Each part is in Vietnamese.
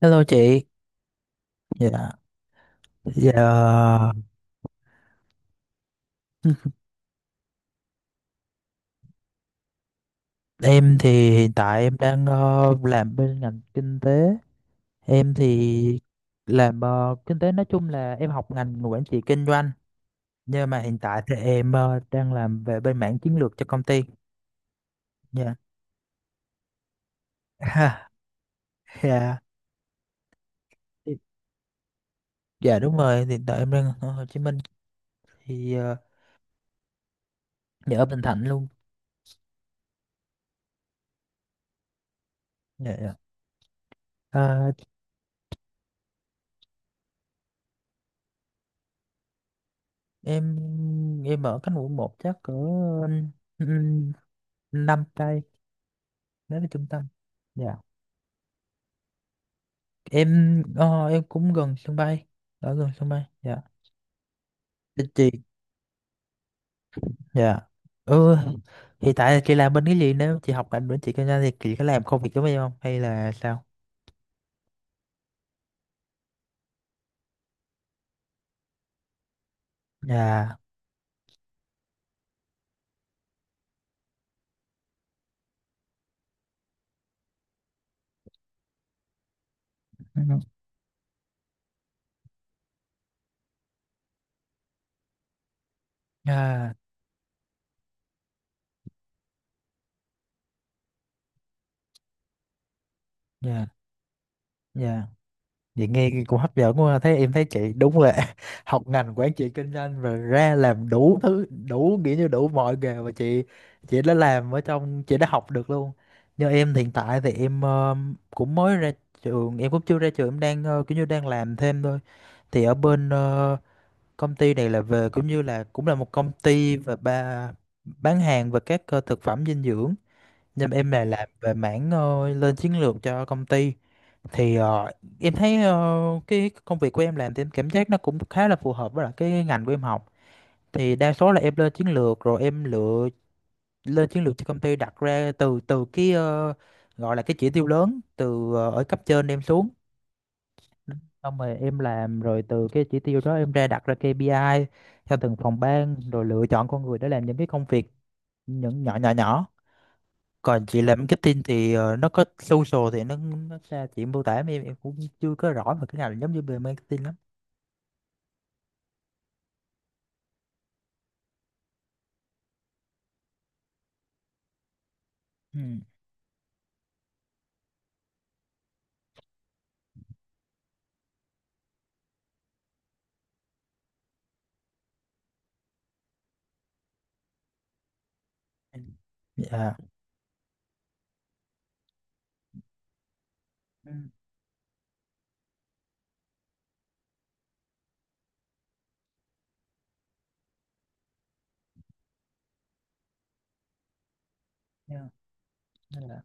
Hello chị, dạ, dạ, em thì hiện tại em đang làm bên ngành kinh tế, em thì làm kinh tế. Nói chung là em học ngành quản trị kinh doanh, nhưng mà hiện tại thì em đang làm về bên mảng chiến lược cho công ty. Dạ. Ha, dạ, dạ đúng rồi, hiện tại em đang ở Hồ Chí Minh thì dạ, ở Bình Thạnh luôn. Dạ, dạ. À, em em ở cánh quận một chắc cỡ um, 5 cây, đó là trung tâm. Dạ. Em cũng gần sân bay, ở gần sân bay dạ. Thì chị Dạ, ừ, hiện tại chị làm bên cái gì, nếu chị học ngành bên chị kinh doanh thì chị có làm công việc giống em không hay là sao? Dạ. Ừ. À, dạ, dạ, dạ. Vậy nghe cũng hấp dẫn quá ha. Thế em thấy chị đúng là học ngành quản trị kinh doanh và ra làm đủ thứ đủ nghĩa như đủ mọi nghề mà chị đã làm ở trong, chị đã học được luôn. Như em hiện tại thì em cũng mới ra trường, em cũng chưa ra trường, em đang kiểu như đang làm thêm thôi. Thì ở bên công ty này là về cũng như là cũng là một công ty, và ba bán hàng và các thực phẩm dinh dưỡng, nhưng mà em là làm về mảng lên chiến lược cho công ty. Thì em thấy cái công việc của em làm thì em cảm giác nó cũng khá là phù hợp với lại cái ngành của em học. Thì đa số là em lên chiến lược rồi em lựa lên chiến lược cho công ty, đặt ra từ từ cái, gọi là cái chỉ tiêu lớn, ở cấp trên em xuống, xong rồi em làm, rồi từ cái chỉ tiêu đó em ra đặt ra KPI theo từng phòng ban, rồi lựa chọn con người để làm những cái công việc, những nhỏ nhỏ nhỏ. Còn chị làm marketing thì nó có social, thì nó ra chị mô tả em cũng chưa có rõ về cái nào là giống như về marketing lắm. Ừ. Dạ. Ừ, yeah, nên là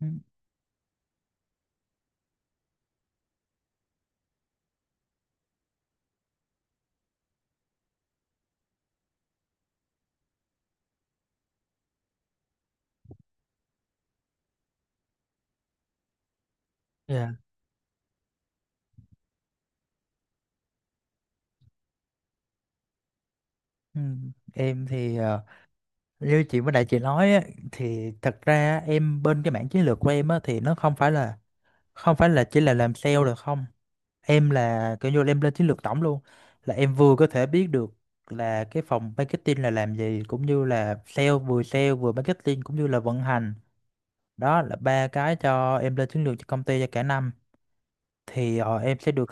ừ. Dạ, ừ. Em thì như chị mới đại chị nói á, thì thật ra em bên cái mảng chiến lược của em á, thì nó không phải là, chỉ là làm sale được không. Em là kiểu như là em lên chiến lược tổng luôn, là em vừa có thể biết được là cái phòng marketing là làm gì, cũng như là sale, vừa sale vừa marketing, cũng như là vận hành. Đó là ba cái cho em lên chiến lược cho công ty cho cả năm. Thì em sẽ được.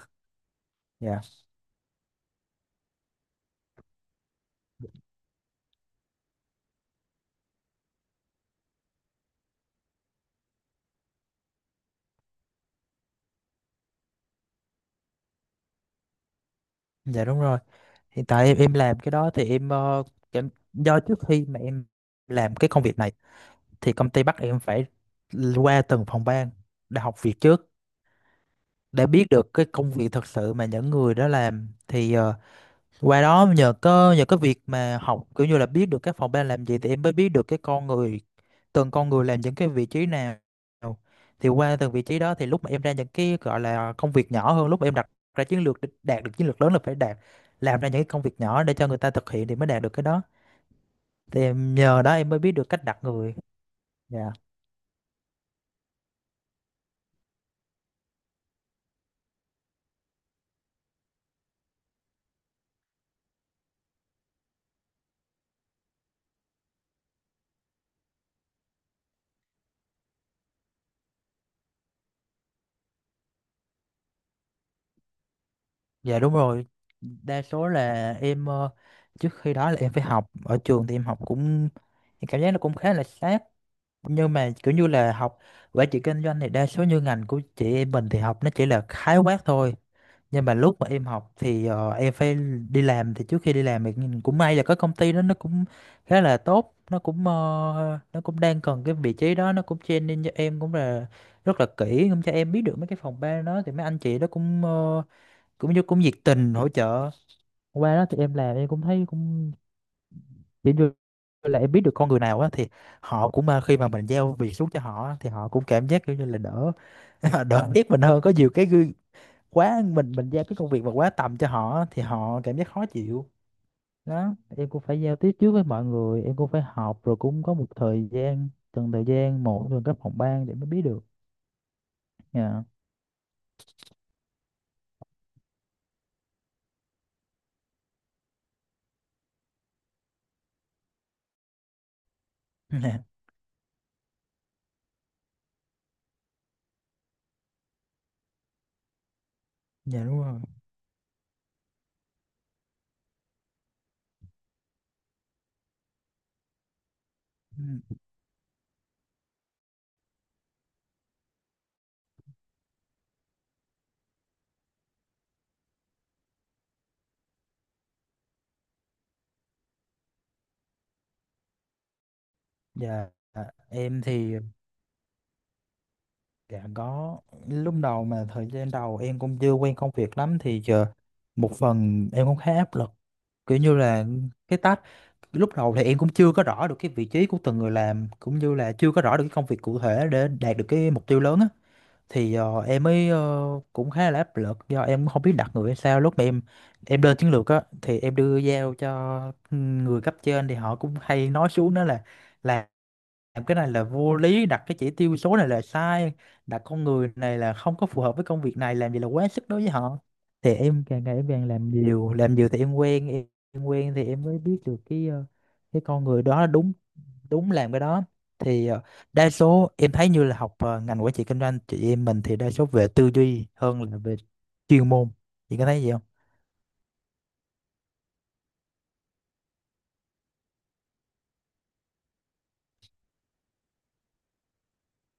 Dạ, dạ đúng rồi, hiện tại em làm cái đó thì do trước khi mà em làm cái công việc này thì công ty bắt em phải qua từng phòng ban để học việc trước, để biết được cái công việc thật sự mà những người đó làm. Thì qua đó, nhờ có nhờ cái việc mà học kiểu như là biết được các phòng ban làm gì, thì em mới biết được cái con người, từng con người làm những cái vị trí nào. Thì qua từng vị trí đó thì lúc mà em ra những cái gọi là công việc nhỏ hơn, lúc mà em đặt ra chiến lược để đạt được chiến lược lớn là phải đạt, làm ra những cái công việc nhỏ để cho người ta thực hiện thì mới đạt được cái đó. Thì em nhờ đó em mới biết được cách đặt người. Dạ. Dạ đúng rồi. Đa số là em trước khi đó là em phải học ở trường, thì em học cũng, em cảm giác nó cũng khá là sát, nhưng mà kiểu như là học quản trị kinh doanh thì đa số như ngành của chị em mình thì học nó chỉ là khái quát thôi. Nhưng mà lúc mà em học thì em phải đi làm, thì trước khi đi làm thì nhìn cũng may là có công ty đó nó cũng khá là tốt, nó cũng, nó cũng đang cần cái vị trí đó, nó cũng training cho em cũng là rất là kỹ, cũng cho em biết được mấy cái phòng ban đó. Thì mấy anh chị đó cũng, cũng như cũng nhiệt tình hỗ trợ. Qua đó thì em làm em cũng thấy cũng kiểu như là em biết được con người nào á, thì họ cũng, à, khi mà mình giao việc xuống cho họ á, thì họ cũng cảm giác kiểu như là đỡ, đỡ biết mình hơn. Có nhiều cái gương quá, mình giao cái công việc mà quá tầm cho họ á, thì họ cảm giác khó chịu. Đó, em cũng phải giao tiếp trước với mọi người, em cũng phải học, rồi cũng có một thời gian, từng thời gian một, từng các phòng ban để mới biết được. Dạ. Dạ đúng rồi. Ừ. Dạ, em thì, dạ có. Lúc đầu, mà thời gian đầu em cũng chưa quen công việc lắm, thì giờ một phần em cũng khá áp lực, kiểu như là cái task lúc đầu thì em cũng chưa có rõ được cái vị trí của từng người làm, cũng như là chưa có rõ được cái công việc cụ thể để đạt được cái mục tiêu lớn á. Thì em mới, cũng khá là áp lực do em không biết đặt người hay sao. Lúc mà em lên chiến lược á thì em đưa giao cho người cấp trên, thì họ cũng hay nói xuống đó là làm làm cái này là vô lý, đặt cái chỉ tiêu số này là sai, đặt con người này là không có phù hợp với công việc này, làm gì là quá sức đối với họ. Thì em càng ngày em càng làm nhiều làm nhiều, thì em quen em quen thì em mới biết được cái, cái con người đó đúng, đúng làm cái đó. Thì đa số em thấy như là học ngành quản trị kinh doanh chị em mình thì đa số về tư duy hơn là về chuyên môn. Chị có thấy gì không?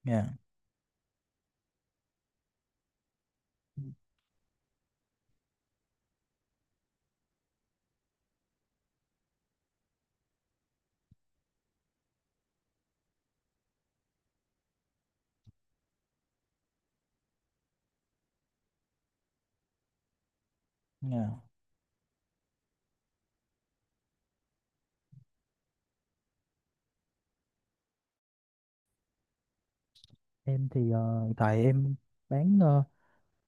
Dạ. Dạ. Em thì hiện tại em bán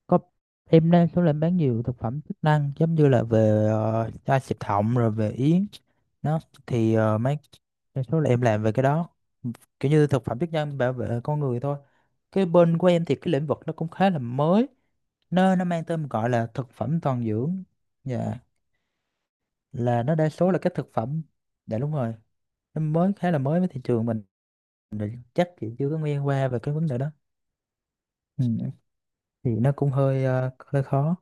có, em đang số làm bán nhiều thực phẩm chức năng, giống như là về chai xịt họng, rồi về yến nó. Thì mấy đa số là em làm về cái đó, kiểu như thực phẩm chức năng bảo vệ con người thôi. Cái bên của em thì cái lĩnh vực nó cũng khá là mới, nó mang tên gọi là thực phẩm toàn dưỡng. Dạ. Là nó đa số là các thực phẩm. Dạ đúng rồi. Nó mới, khá là mới với thị trường mình. Rồi chắc chị chưa có nghe qua về cái vấn đề đó. Ừ. Thì nó cũng hơi, hơi khó.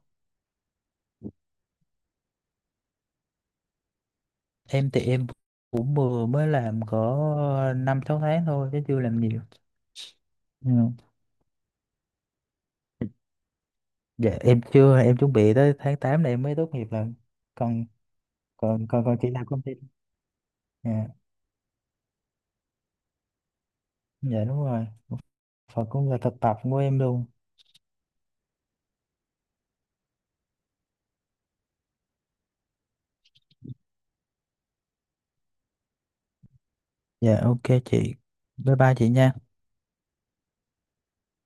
Em thì em cũng vừa mới làm có 5-6 tháng thôi, chứ chưa làm nhiều. Ừ. Dạ, em chưa, em chuẩn bị tới tháng 8 này em mới tốt nghiệp lần. Còn còn còn còn chị làm công ty. Dạ. Dạ đúng rồi. Phật cũng là thực tập của em luôn. Dạ, ok chị. Bye bye chị nha.